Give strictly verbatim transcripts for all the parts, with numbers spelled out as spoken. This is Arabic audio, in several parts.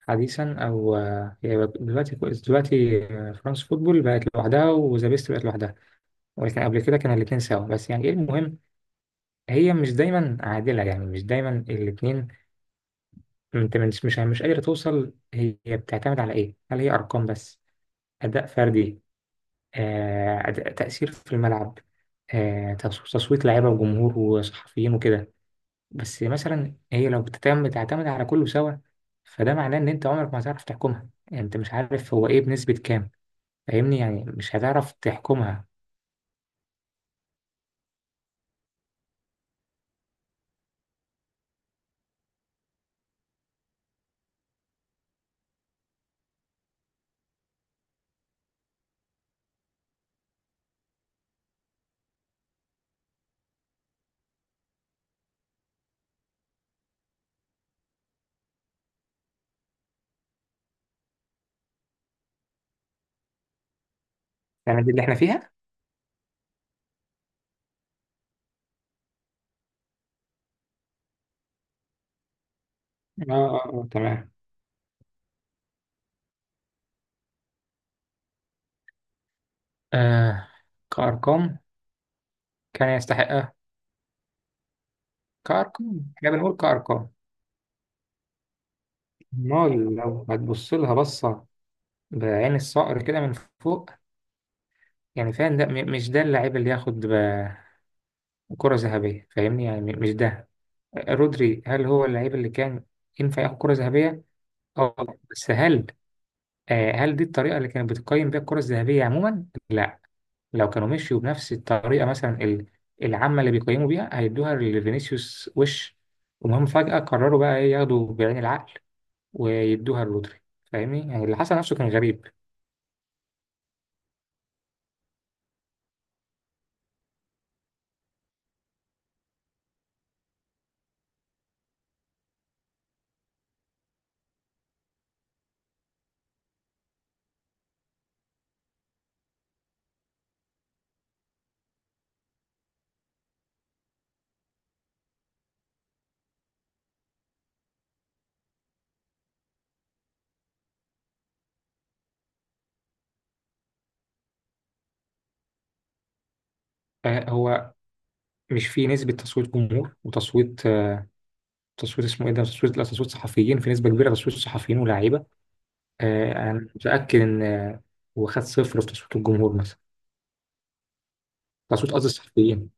حديثا او آه، هي دلوقتي دلوقتي آه، فرانس فوتبول بقت لوحدها وذا بيست بقت لوحدها. ولكن قبل كده كان الاثنين سوا، بس يعني ايه المهم، هي مش دايما عادله، يعني مش دايما الاثنين. انت مش مش مش قادره توصل، هي بتعتمد على ايه؟ هل هي ارقام بس؟ اداء فردي؟ آه أداء، تاثير في الملعب؟ آه تص- تصويت لعيبه وجمهور وصحفيين وكده؟ بس مثلا هي لو بتعتمد تعتمد على كله سوا، فده معناه ان انت عمرك ما هتعرف تحكمها. يعني انت مش عارف هو ايه بنسبه كام. فاهمني؟ يعني مش هتعرف تحكمها. يعني دي اللي احنا فيها. اه اه اه، تمام. آه، كأرقام كان يستحقها. كأرقام، احنا بنقول كأرقام. امال لو هتبص لها بصة بعين الصقر كده من فوق، يعني فاهم؟ ده م- مش ده اللاعب اللي ياخد ب- كرة ذهبية؟ فاهمني؟ يعني م- مش ده. رودري، هل هو اللاعب اللي كان ينفع ياخد كرة ذهبية؟ اه، بس هل آه، هل دي الطريقة اللي كانت بتقيم بيها الكرة الذهبية عموما؟ لا. لو كانوا مشيوا بنفس الطريقة مثلا ال- العامة اللي بيقيموا بيها، هيدوها لفينيسيوس. وش، وهم فجأة قرروا بقى إيه، ياخدوا بعين العقل ويدوها لرودري. فاهمني؟ يعني اللي حصل نفسه كان غريب. آه، هو مش في نسبة تصويت جمهور وتصويت آه، تصويت، اسمه إيه ده؟ تصويت، لا، تصويت صحفيين، في نسبة كبيرة تصويت صحفيين ولاعيبة. آه، أنا متأكد إن آه، هو خد صفر في تصويت الجمهور مثلا. تصويت قصدي الصحفيين.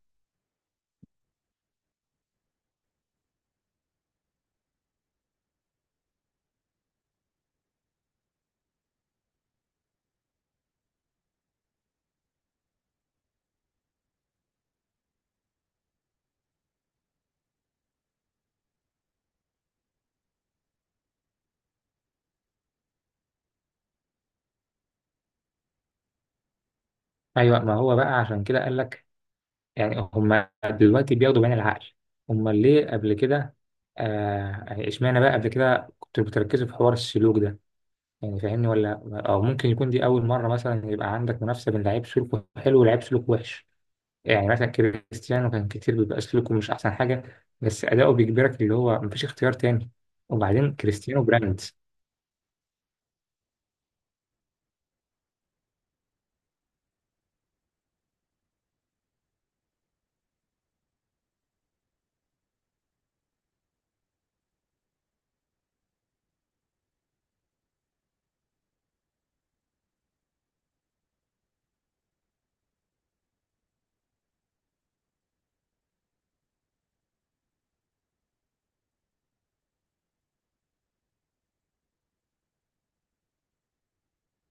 أيوه، ما هو بقى عشان كده قال لك يعني هم دلوقتي بياخدوا بعين العقل. هم ليه قبل كده؟ آه، يعني اشمعنى بقى قبل كده كنتوا بتركزوا في حوار السلوك ده؟ يعني فاهمني ولا؟ او ممكن يكون دي اول مره مثلا يبقى عندك منافسه بين لعيب سلوكه حلو ولعيب سلوكه وحش. يعني مثلا كريستيانو كان كتير بيبقى سلوكه مش احسن حاجه، بس اداؤه بيجبرك، اللي هو مفيش اختيار تاني. وبعدين كريستيانو براند.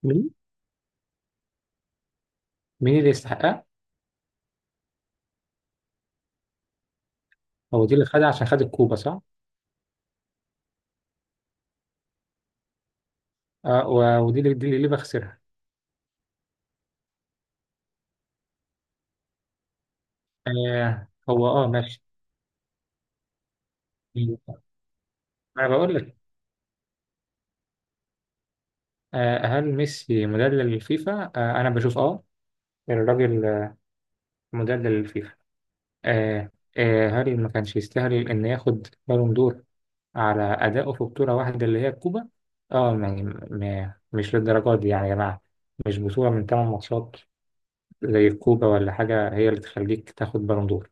مين؟ مين اللي يستحقها؟ هو دي اللي خدها عشان خد الكوبا، صح؟ آه، و- ودي اللي دي اللي ليفا خسرها. آه، هو اه ماشي. ما انا بقول لك آه، هل ميسي مدلل للفيفا؟ آه، أنا بشوف أه، الراجل آه، مدلل للفيفا. آه، آه، هل ما كانش يستاهل إن ياخد بالون دور على أدائه في بطولة واحدة اللي هي الكوبا؟ أه يعني م- مش للدرجة دي يعني يا جماعة. مش بطولة من تمن ماتشات زي الكوبا ولا حاجة هي اللي تخليك تاخد بالون دور.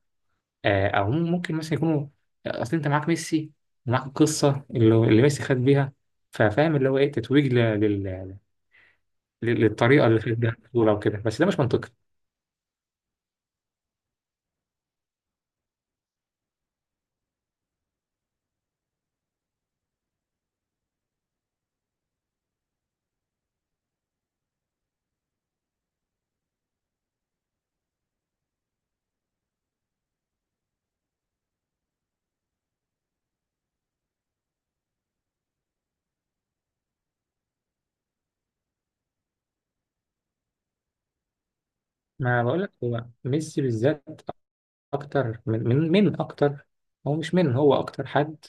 آه، أو ممكن مثلا يكونوا، أصل أنت معاك ميسي ومعاك القصة اللي اللي ميسي خد بيها، ففاهم اللي هو إيه، تتويج لل- للطريقه اللي خد بيها البطوله وكده. بس ده مش منطقي. ما بقول لك هو ميسي بالذات اكتر من من من اكتر. هو مش من، هو اكتر حد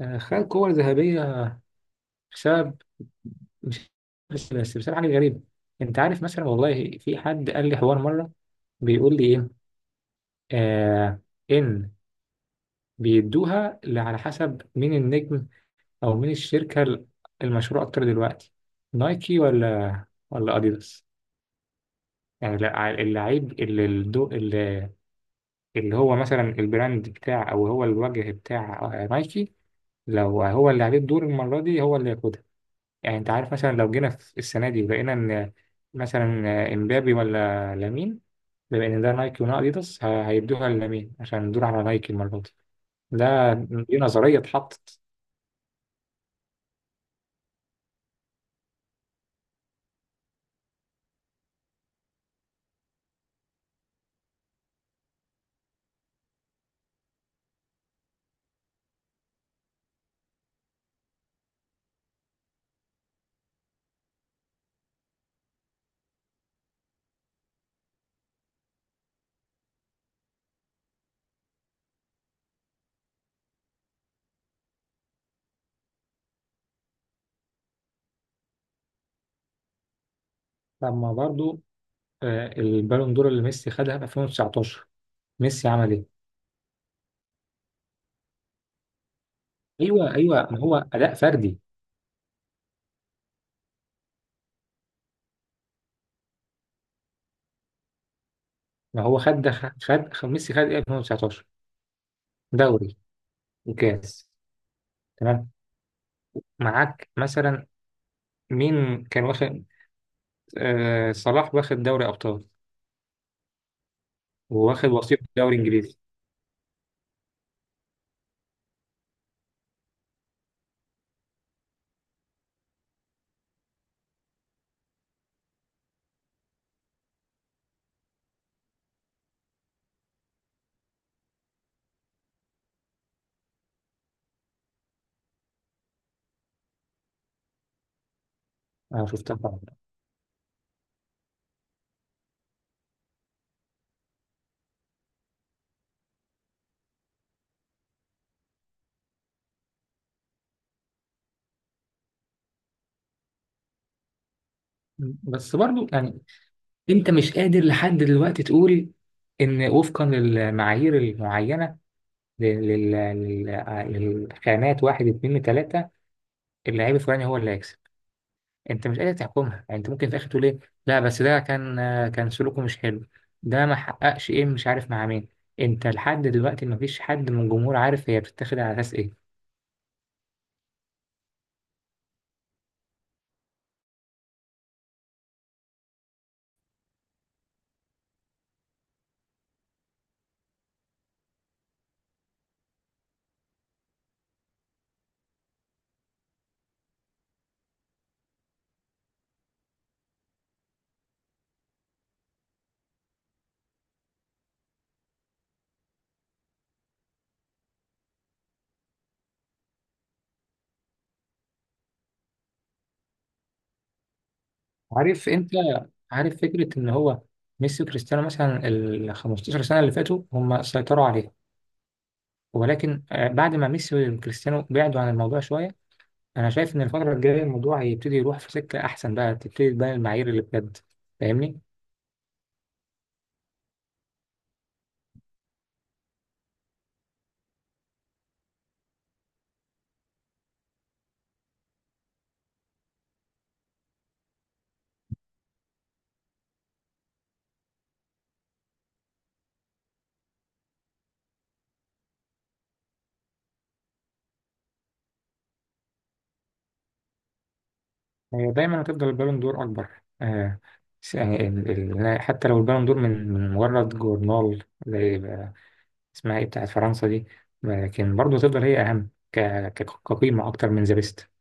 آه، خد كور ذهبيه بسبب، مش بس بس بسبب حاجه غريبه. انت عارف مثلا، والله في حد قال لي حوار مره، بيقول لي ايه آه، ان بيدوها ل- على حسب مين النجم او مين الشركه ال- المشهوره اكتر دلوقتي، نايكي ولا ولا اديداس. يعني لا، اللعيب اللي الدو... اللي هو مثلا البراند بتاع، او هو الوجه بتاع آه، نايكي، لو هو اللي عليه الدور المره دي هو اللي ياخدها. يعني انت عارف مثلا لو جينا في السنه دي لقينا ان مثلا آه، امبابي ولا لامين، بما ان ده نايكي وده اديداس، ه- هيدوها للامين عشان الدور على نايكي المره دي. ده، دي نظريه اتحطت. لما برضو آه، البالون دور اللي ميسي خدها في ألفين وتسعطاشر، ميسي عمل ايه؟ ايوه ايوه، ما هو اداء فردي. ما هو خد ده. خد خد ميسي خد ايه في ألفين وتسعة عشر؟ دوري وكاس. تمام. معاك مثلا مين كان واخد؟ آه صلاح واخد دوري ابطال وواخد وصيف دوري انجليزي. انا شفتها طبعا. بس برضو يعني انت مش قادر لحد دلوقتي تقول ان وفقا للمعايير المعينه لل- لل- لل- للخانات واحد اتنين تلاته، اللعيب الفلاني هو اللي هيكسب. انت مش قادر تحكمها. يعني انت ممكن في الاخر تقول ايه، لا بس ده كان، كان سلوكه مش حلو، ده ما حققش ايه، مش عارف مع مين. انت لحد دلوقتي ما فيش حد من الجمهور عارف هي بتتاخد على اساس ايه. عارف؟ انت عارف فكرة ان هو ميسي وكريستيانو مثلا ال خمسة عشر سنة اللي فاتوا هم سيطروا عليها، ولكن آه، بعد ما ميسي وكريستيانو بعدوا عن الموضوع شوية، انا شايف ان الفترة الجاية الموضوع هيبتدي يروح في سكة احسن، بقى تبتدي تبان المعايير اللي بجد. فاهمني؟ هي دايما هتفضل البالون دور أكبر. آه، س- يعني ال- ال- حتى لو البالون دور من من مجرد جورنال زي ب- اسمها إيه بتاعت فرنسا دي، لكن برضه هتفضل هي أهم ك- ك- كقيمة أكتر من ذا بيست.